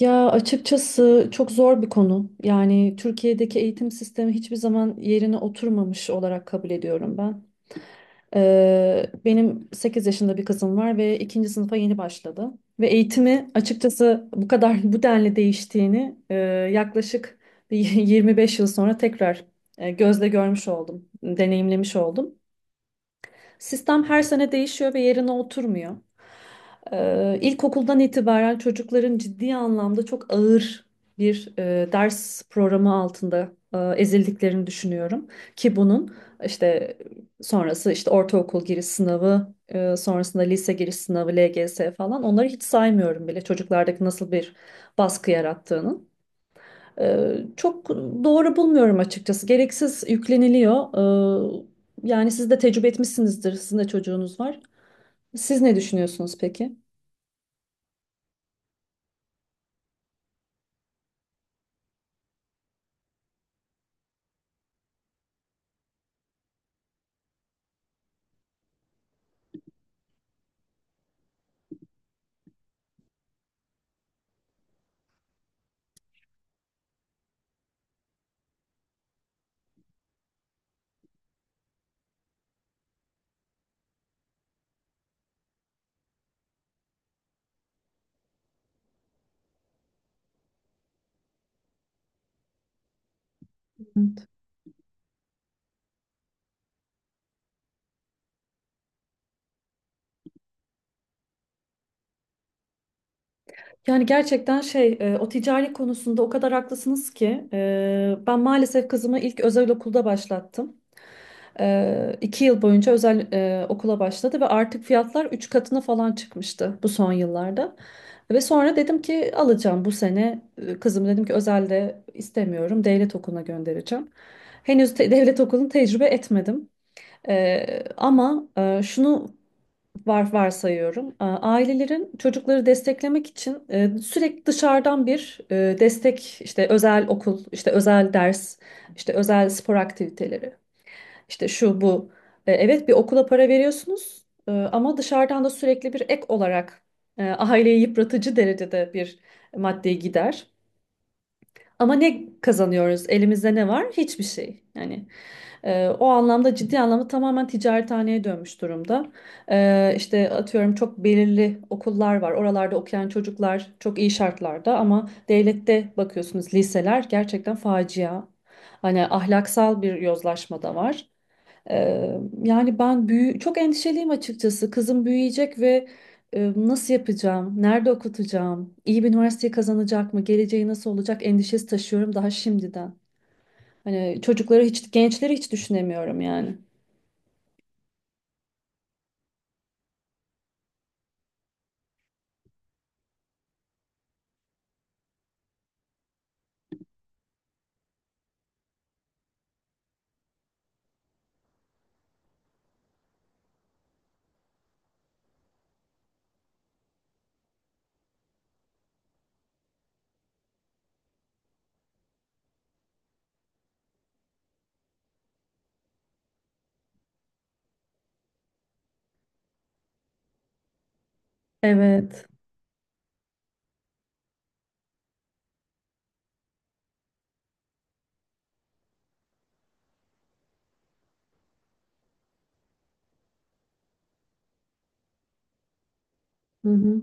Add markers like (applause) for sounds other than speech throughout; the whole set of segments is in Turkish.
Ya açıkçası çok zor bir konu. Yani Türkiye'deki eğitim sistemi hiçbir zaman yerine oturmamış olarak kabul ediyorum ben. Benim 8 yaşında bir kızım var ve ikinci sınıfa yeni başladı. Ve eğitimi açıkçası bu kadar (laughs) bu denli değiştiğini yaklaşık bir (laughs) 25 yıl sonra tekrar gözle görmüş oldum, deneyimlemiş oldum. Sistem her sene değişiyor ve yerine oturmuyor. İlkokuldan itibaren çocukların ciddi anlamda çok ağır bir ders programı altında ezildiklerini düşünüyorum. Ki bunun işte sonrası işte ortaokul giriş sınavı, sonrasında lise giriş sınavı, LGS falan onları hiç saymıyorum bile çocuklardaki nasıl bir baskı yarattığının. Çok doğru bulmuyorum açıkçası. Gereksiz yükleniliyor. Yani siz de tecrübe etmişsinizdir. Sizin de çocuğunuz var. Siz ne düşünüyorsunuz peki? Evet. Yani gerçekten o ticari konusunda o kadar haklısınız ki ben maalesef kızımı ilk özel okulda başlattım. İki yıl boyunca özel okula başladı ve artık fiyatlar üç katına falan çıkmıştı bu son yıllarda. Ve sonra dedim ki alacağım bu sene kızım dedim ki özelde istemiyorum, devlet okuluna göndereceğim. Devlet okulunu tecrübe etmedim. Ama şunu varsayıyorum. Ailelerin çocukları desteklemek için sürekli dışarıdan bir destek, işte özel okul, işte özel ders, işte özel spor aktiviteleri. İşte şu bu. Evet, bir okula para veriyorsunuz ama dışarıdan da sürekli bir ek olarak aileyi yıpratıcı derecede bir maddi gider. Ama ne kazanıyoruz? Elimizde ne var? Hiçbir şey. Yani o anlamda ciddi anlamda tamamen ticarethaneye dönmüş durumda. İşte atıyorum, çok belirli okullar var. Oralarda okuyan çocuklar çok iyi şartlarda ama devlette bakıyorsunuz liseler gerçekten facia. Hani ahlaksal bir yozlaşma da var. Yani ben çok endişeliyim açıkçası. Kızım büyüyecek ve nasıl yapacağım? Nerede okutacağım? İyi bir üniversiteyi kazanacak mı? Geleceği nasıl olacak? Endişesi taşıyorum daha şimdiden. Hani çocukları hiç, gençleri hiç düşünemiyorum yani. Evet. Hı hı.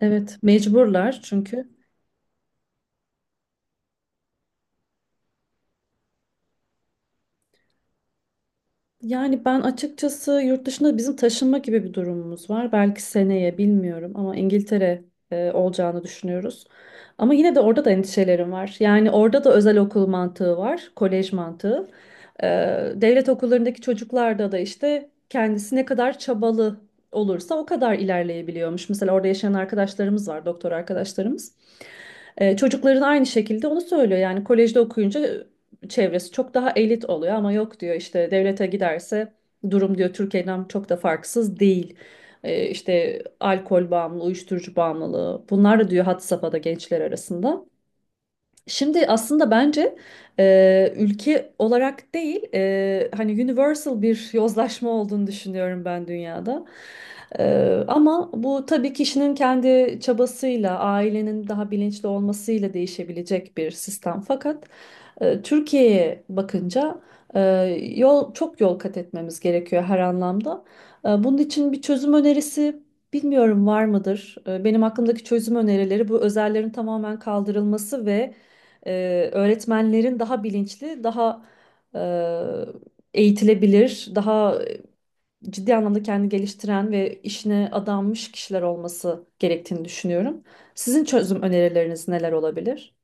Evet, mecburlar çünkü. Yani ben açıkçası yurt dışında bizim taşınma gibi bir durumumuz var. Belki seneye bilmiyorum ama İngiltere olacağını düşünüyoruz. Ama yine de orada da endişelerim var. Yani orada da özel okul mantığı var, kolej mantığı. E, Devlet okullarındaki çocuklarda da işte kendisi ne kadar çabalı olursa o kadar ilerleyebiliyormuş. Mesela orada yaşayan arkadaşlarımız var, doktor arkadaşlarımız. Çocukların aynı şekilde onu söylüyor. Yani kolejde okuyunca çevresi çok daha elit oluyor ama yok diyor işte devlete giderse durum diyor Türkiye'den çok da farksız değil. İşte alkol bağımlılığı, uyuşturucu bağımlılığı bunlar da diyor had safhada gençler arasında. Şimdi aslında bence ülke olarak değil, hani universal bir yozlaşma olduğunu düşünüyorum ben dünyada. E, Ama bu tabii kişinin kendi çabasıyla, ailenin daha bilinçli olmasıyla değişebilecek bir sistem. Fakat Türkiye'ye bakınca e, yol kat etmemiz gerekiyor her anlamda. Bunun için bir çözüm önerisi bilmiyorum var mıdır? Benim aklımdaki çözüm önerileri bu özellerin tamamen kaldırılması ve öğretmenlerin daha bilinçli, daha e, eğitilebilir, daha ciddi anlamda kendini geliştiren ve işine adanmış kişiler olması gerektiğini düşünüyorum. Sizin çözüm önerileriniz neler olabilir?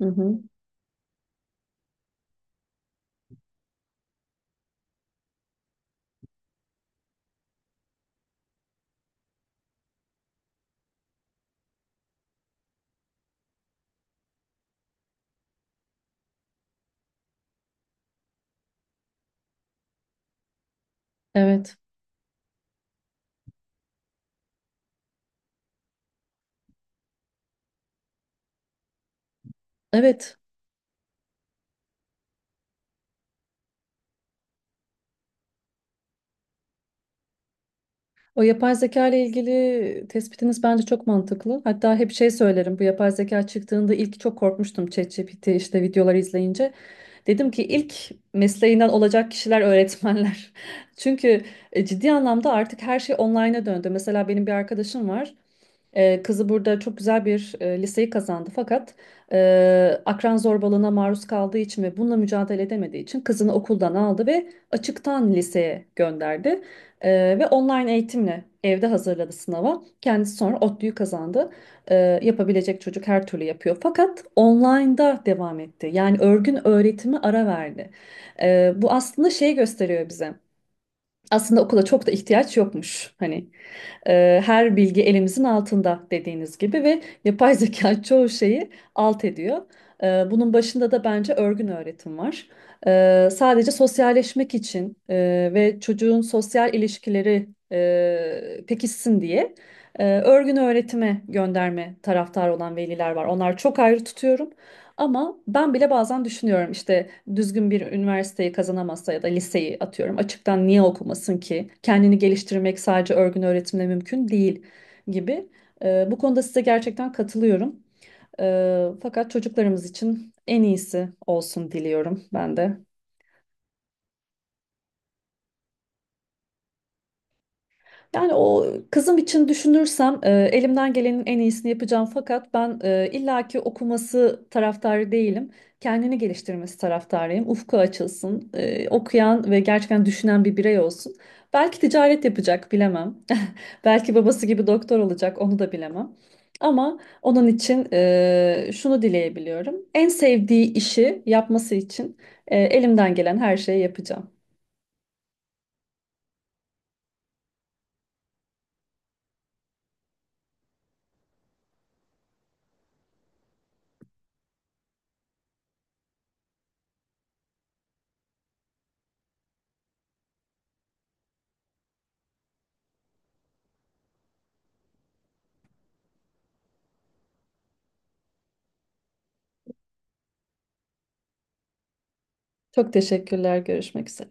Hı hı. Evet. Evet. O yapay zeka ile ilgili tespitiniz bence çok mantıklı. Hatta hep şey söylerim. Bu yapay zeka çıktığında ilk çok korkmuştum, ChatGPT işte videoları izleyince. Dedim ki ilk mesleğinden olacak kişiler öğretmenler. (laughs) Çünkü ciddi anlamda artık her şey online'a döndü. Mesela benim bir arkadaşım var. Kızı burada çok güzel bir liseyi kazandı fakat akran zorbalığına maruz kaldığı için ve bununla mücadele edemediği için kızını okuldan aldı ve açıktan liseye gönderdi. Ve online eğitimle evde hazırladı sınava. Kendisi sonra ODTÜ'yü kazandı. Yapabilecek çocuk her türlü yapıyor. Fakat online'da devam etti. Yani örgün öğretimi ara verdi. Bu aslında şey gösteriyor bize. Aslında okula çok da ihtiyaç yokmuş. Hani her bilgi elimizin altında dediğiniz gibi ve yapay zeka (laughs) çoğu şeyi alt ediyor. Bunun başında da bence örgün öğretim var. Sadece sosyalleşmek için ve çocuğun sosyal ilişkileri pekişsin diye örgün öğretime gönderme taraftar olan veliler var. Onlar çok ayrı tutuyorum. Ama ben bile bazen düşünüyorum işte düzgün bir üniversiteyi kazanamazsa ya da liseyi atıyorum açıktan niye okumasın ki? Kendini geliştirmek sadece örgün öğretimle mümkün değil gibi. Bu konuda size gerçekten katılıyorum. Fakat çocuklarımız için en iyisi olsun diliyorum ben de. Yani o kızım için düşünürsem elimden gelenin en iyisini yapacağım fakat ben illaki okuması taraftarı değilim. Kendini geliştirmesi taraftarıyım. Ufku açılsın, okuyan ve gerçekten düşünen bir birey olsun. Belki ticaret yapacak, bilemem. (laughs) Belki babası gibi doktor olacak, onu da bilemem. Ama onun için şunu dileyebiliyorum. En sevdiği işi yapması için elimden gelen her şeyi yapacağım. Çok teşekkürler. Görüşmek üzere.